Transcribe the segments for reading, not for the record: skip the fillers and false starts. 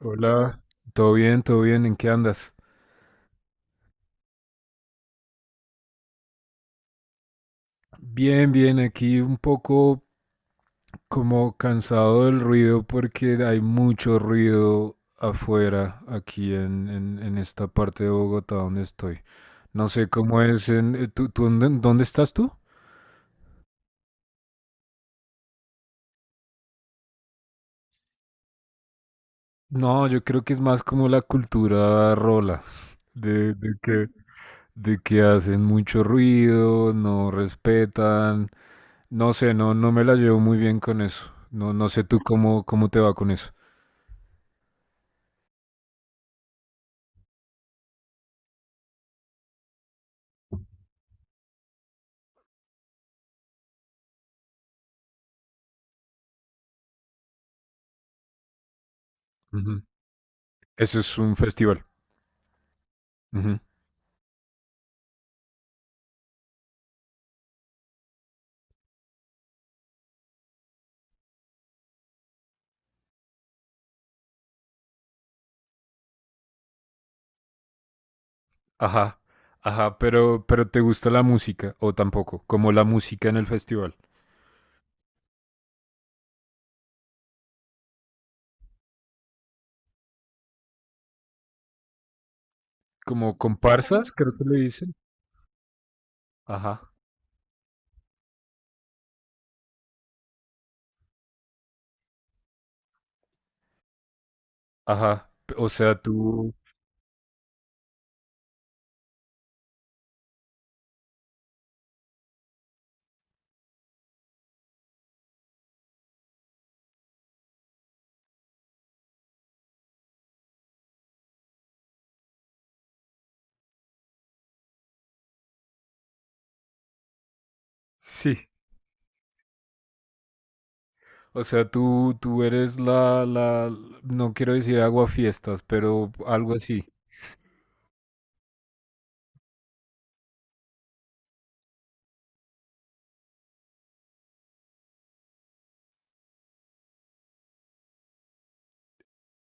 Hola, todo bien, ¿en qué andas? Bien, bien, aquí un poco como cansado del ruido porque hay mucho ruido afuera aquí en esta parte de Bogotá donde estoy. No sé cómo es ¿Tú dónde estás tú? No, yo creo que es más como la cultura rola, de, de que, de que hacen mucho ruido, no respetan, no sé, no me la llevo muy bien con eso. No, no sé tú cómo te va con eso. Eso es un festival. Ujú. Ajá, ajá, pero ¿te gusta la música o tampoco? Como la música en el festival. Como comparsas, creo que le dicen. Ajá, ajá. O sea, tú, sí. O sea, tú eres no quiero decir aguafiestas, pero algo así.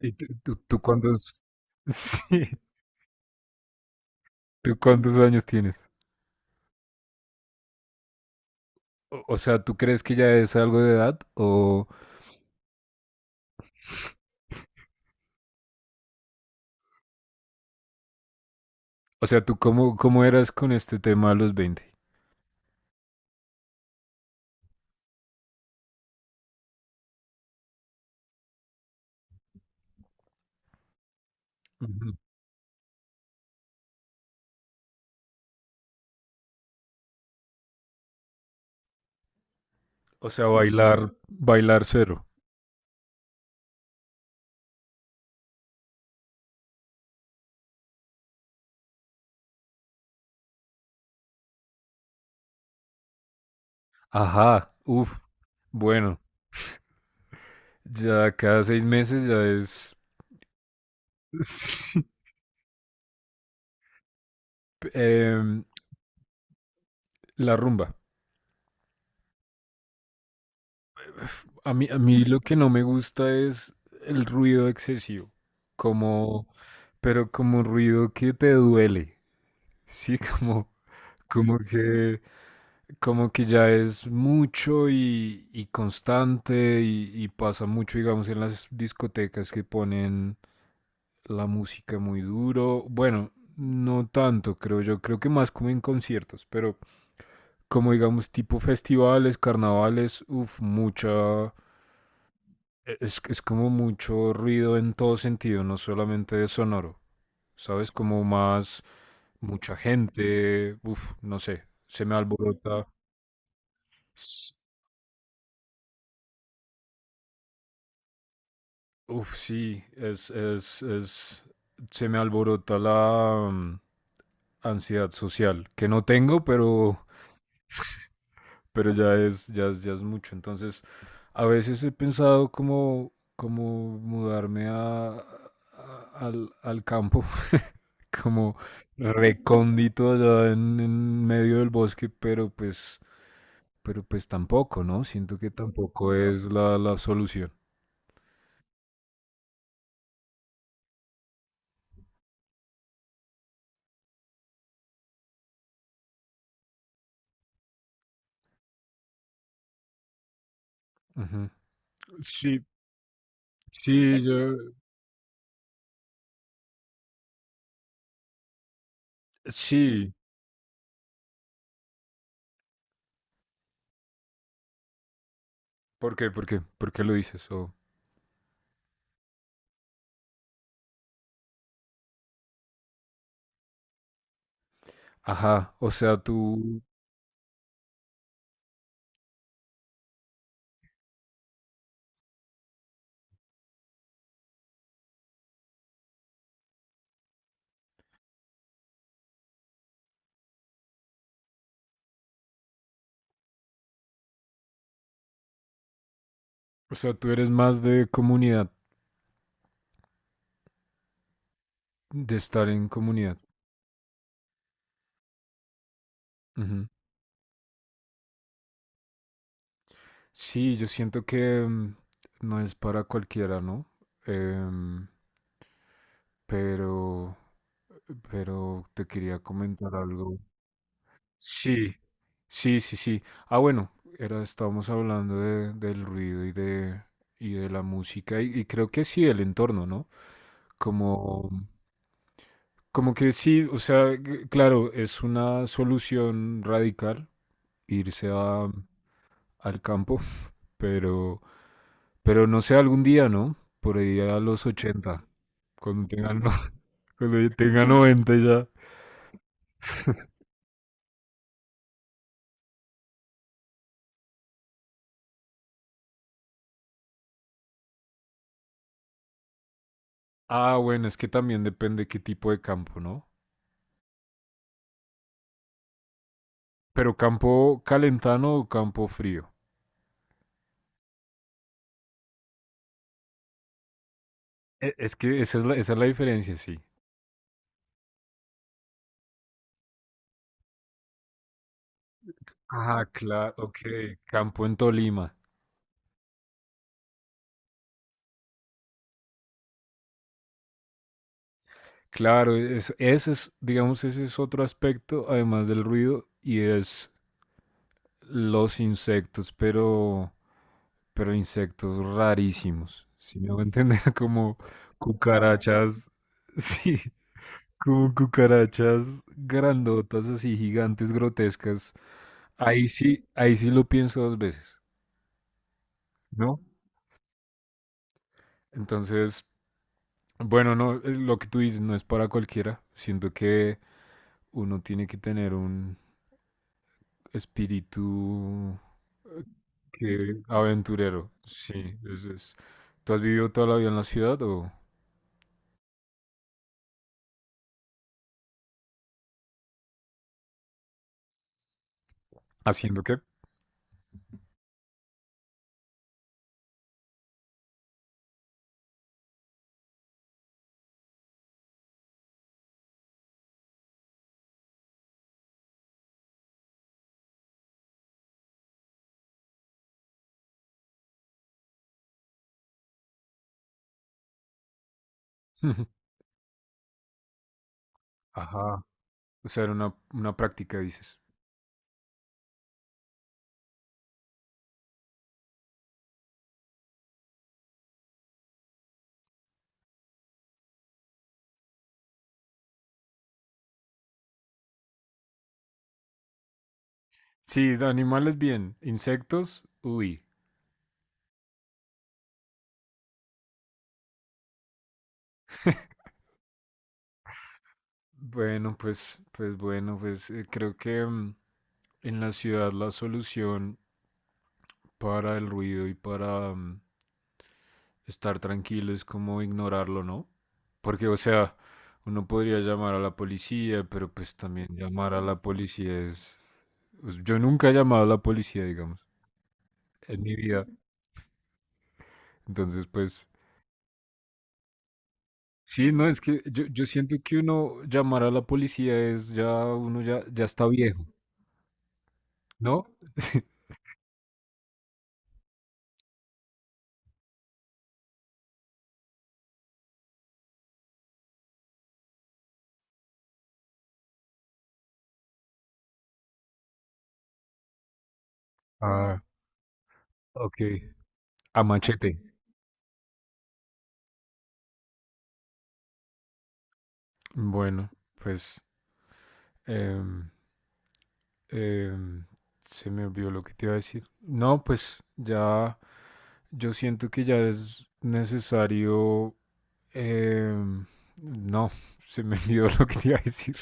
¿Y sí, tú cuántos años tienes? O sea, ¿tú crees que ya es algo de edad? O sea, ¿tú cómo eras con este tema a los 20? O sea, bailar, bailar cero. Ajá, uff. Bueno, ya cada 6 meses ya es Sí. em, la rumba. A mí lo que no me gusta es el ruido excesivo, como, pero como un ruido que te duele, sí, como que, como que ya es mucho y constante y pasa mucho, digamos, en las discotecas que ponen la música muy duro. Bueno, no tanto, creo yo. Creo que más como en conciertos, pero como digamos tipo festivales, carnavales, uff, mucha... Es como mucho ruido en todo sentido, no solamente de sonoro. ¿Sabes? Como más mucha gente, uff, no sé, se me alborota. S- Uf, sí, se me alborota la ansiedad social, que no tengo, pero ya es mucho. Entonces, a veces he pensado como mudarme al campo, como recóndito allá en medio del bosque, pero pues tampoco, ¿no? Siento que tampoco es la solución. Ujú. Sí, sí, yo, sí. ¿Por qué? ¿Por qué? ¿Por qué lo dices? Ajá, o sea, tú eres más de comunidad, de estar en comunidad. Sí, yo siento que no es para cualquiera, ¿no? Em, pero, pero te quería comentar algo. Sí, sí, sí, sí. Ah, bueno, estábamos hablando del ruido y de la música y creo que sí, el entorno, ¿no? Como, como que sí, o sea, claro, es una solución radical irse al campo, pero... Pero no sé, algún día, ¿no? Por ahí a los 80, cuando tengan, no- cuando yo tenga 90 ya. Ah, bueno, es que también depende qué tipo de campo, ¿no? Pero campo calentano o campo frío. Es que esa es la diferencia, sí. Ah, claro, ok. Campo en Tolima. Claro, digamos, ese es otro aspecto, además del ruido, y es los insectos, pero... Pero insectos rarísimos. Si me hago entender, como cucarachas, sí, como cucarachas grandotas, así gigantes, grotescas. Ahí sí lo pienso dos veces, ¿no? Entonces, bueno, no, lo que tú dices no es para cualquiera. Siento que uno tiene que tener un espíritu que aventurero. Sí. ¿Tú has vivido toda la vida en la ciudad o haciendo qué? Ajá. O sea, era una práctica, dices. Sí, de animales bien. Insectos, uy. Bueno, pues bueno, pues creo que en la ciudad la solución para el ruido y para estar tranquilo es como ignorarlo, ¿no? Porque, o sea, uno podría llamar a la policía, pero pues también llamar a la policía es... Pues, yo nunca he llamado a la policía, digamos, en mi vida. Entonces, pues, sí, no, es que yo siento que uno llamar a la policía es ya, uno ya está viejo, ¿no? Ah, ok. A machete. Bueno, pues em, em, se me olvidó lo que te iba a decir. No, pues ya yo siento que ya es necesario... em, no, se me olvidó lo que te iba a decir.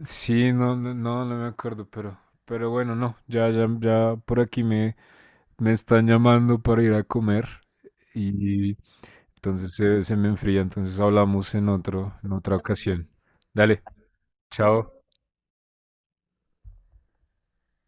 Sí, no, no, no, no me acuerdo, pero bueno, no, ya, ya, ya por aquí me están llamando para ir a comer y entonces se me enfría, entonces hablamos en otra ocasión. Dale, chao.